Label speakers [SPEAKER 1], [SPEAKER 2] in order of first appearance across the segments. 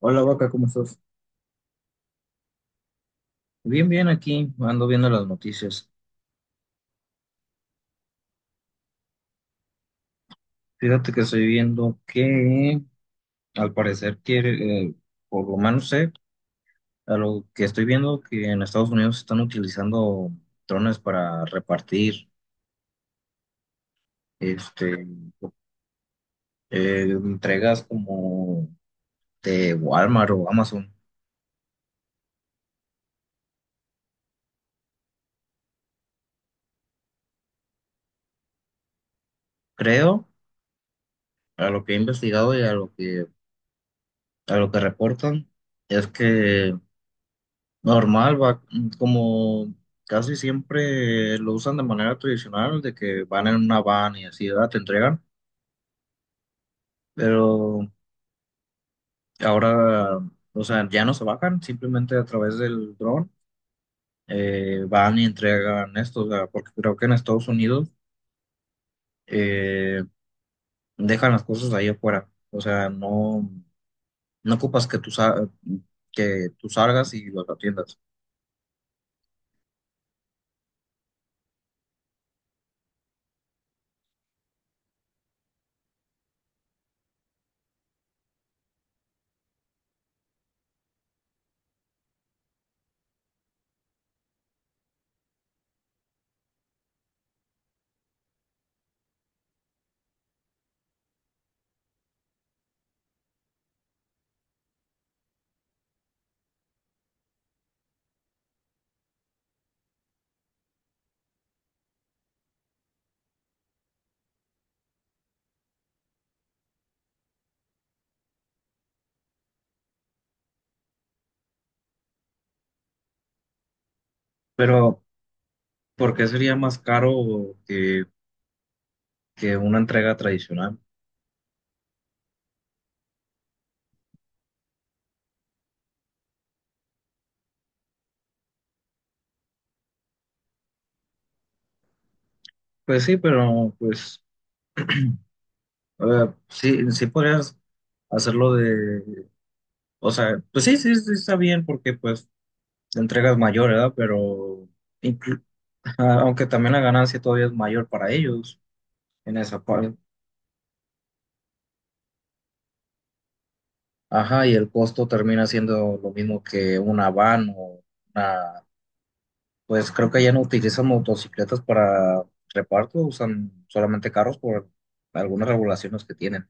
[SPEAKER 1] Hola, Vaca, ¿cómo estás? Bien, bien, aquí ando viendo las noticias. Fíjate que estoy viendo que al parecer quiere, por lo menos sé, a lo que estoy viendo que en Estados Unidos están utilizando drones para repartir este, entregas como de Walmart o Amazon. Creo, a lo que he investigado y a a lo que reportan, es que normal, va, como casi siempre lo usan de manera tradicional, de que van en una van y así, ¿verdad? Te entregan, pero ahora, o sea, ya no se bajan, simplemente a través del dron van y entregan esto, o sea, porque creo que en Estados Unidos eh, dejan las cosas ahí afuera, o sea, no, no ocupas que que tú salgas y los atiendas, pero ¿por qué sería más caro que una entrega tradicional? Pues sí, pero pues a sí, sí podrías hacerlo de, o sea, pues sí, sí, sí está bien porque pues la entrega es mayor, ¿verdad? Pero inclu- aunque también la ganancia todavía es mayor para ellos en esa parte. Ajá, y el costo termina siendo lo mismo que una van o una, pues creo que ya no utilizan motocicletas para reparto, usan solamente carros por algunas regulaciones que tienen.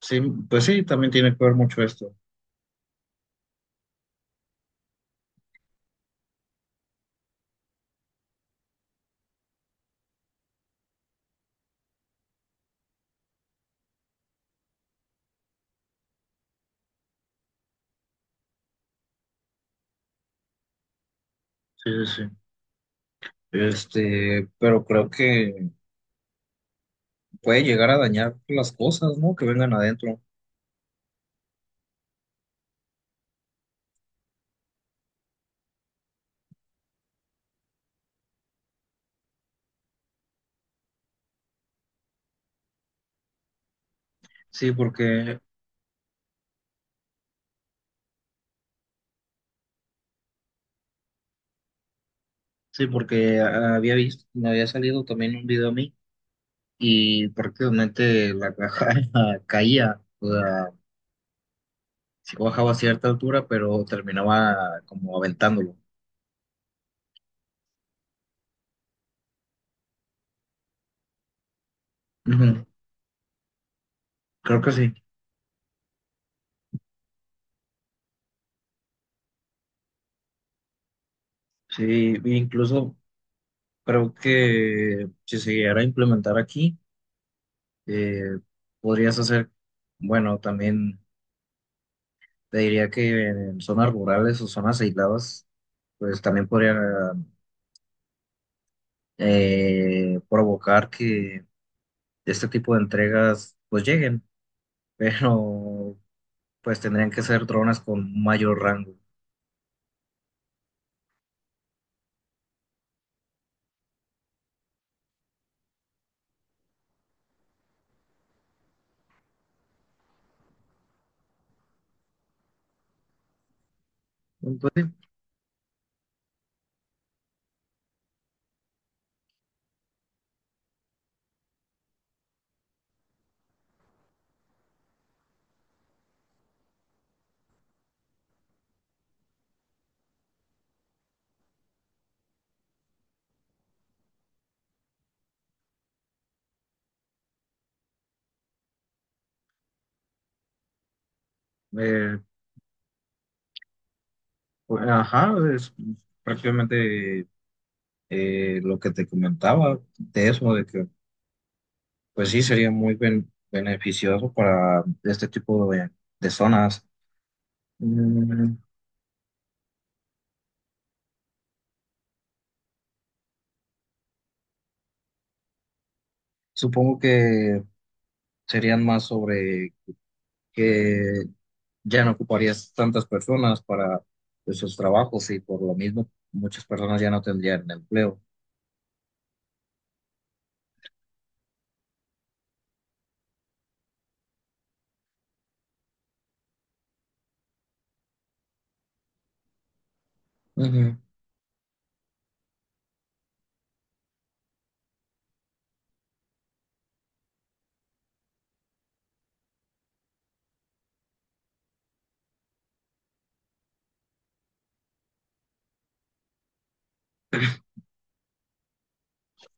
[SPEAKER 1] Sí, pues sí, también tiene que ver mucho esto. Sí, sí, sí. Este, pero creo que puede llegar a dañar las cosas, ¿no? Que vengan adentro. Sí, porque, sí, porque había visto, me había salido también un video a mí y prácticamente la caja caía, o sea, sí bajaba a cierta altura, pero terminaba como aventándolo. Ujú. Creo que sí, sí, e incluso creo que si se llegara a implementar aquí, eh, podrías hacer, bueno, también. Te diría que en zonas rurales o zonas aisladas, pues también podrían provocar que este tipo de entregas pues lleguen, pero pues tendrían que ser drones con mayor rango. Entonces, eh, pues, ajá, es prácticamente lo que te comentaba de eso, de que pues sí sería muy beneficioso para este tipo de zonas. Mm, supongo que serían más sobre que ya no ocuparías tantas personas para esos trabajos y por lo mismo muchas personas ya no tendrían empleo. Ujú.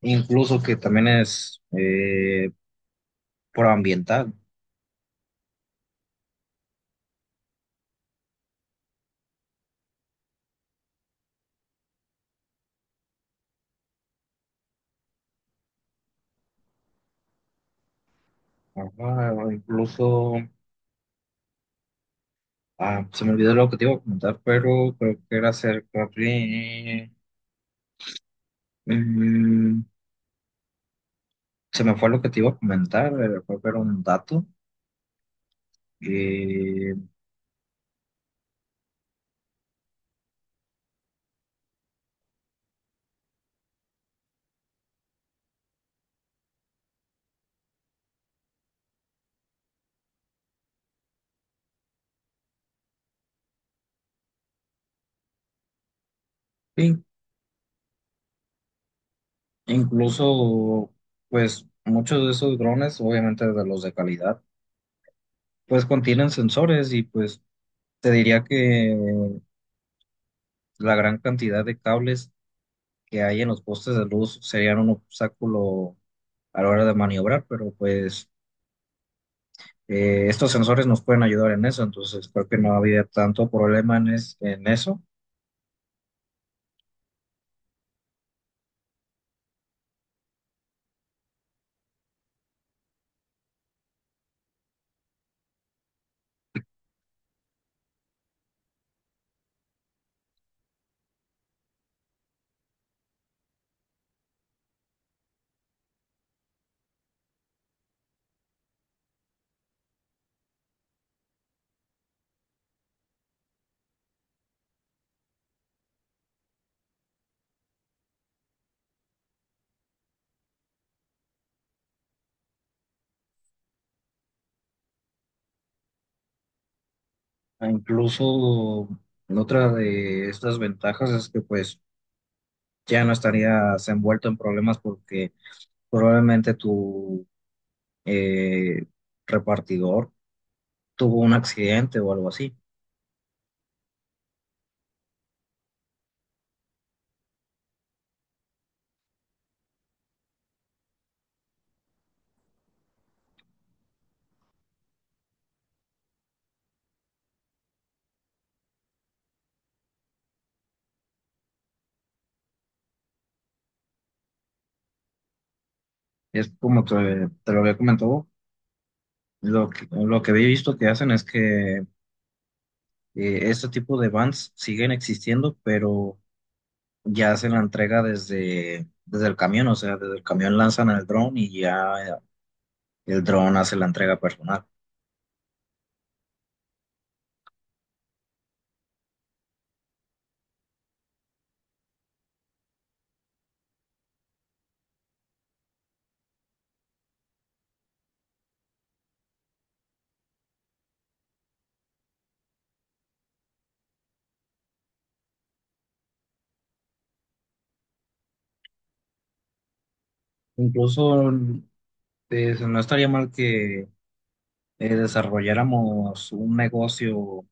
[SPEAKER 1] Incluso que también es proambiental. Ajá, o incluso, ah, se me olvidó lo que te iba a comentar, pero creo que era acerca de... mm, se me fue lo que te iba a comentar, creo que era un dato. Eh, sí, incluso, pues, muchos de esos drones, obviamente de los de calidad pues contienen sensores y pues te diría que la gran cantidad de cables que hay en los postes de luz serían un obstáculo a la hora de maniobrar, pero pues estos sensores nos pueden ayudar en eso, entonces creo que no había tanto problema en, en eso. E incluso otra de estas ventajas es que pues ya no estarías envuelto en problemas porque probablemente tu eh, repartidor tuvo un accidente o algo así. Es como te lo había comentado, lo que había visto que hacen es que este tipo de vans siguen existiendo, pero ya hacen la entrega desde el camión, o sea, desde el camión lanzan el dron y ya el dron hace la entrega personal. Incluso no estaría mal que desarrolláramos un negocio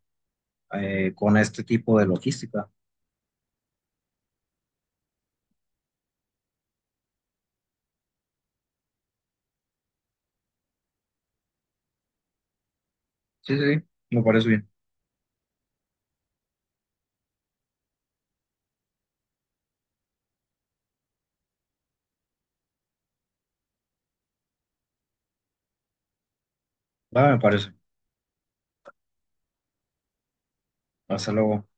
[SPEAKER 1] con este tipo de logística. Sí, sí, sí, me parece bien. Va, me parece. Hasta luego.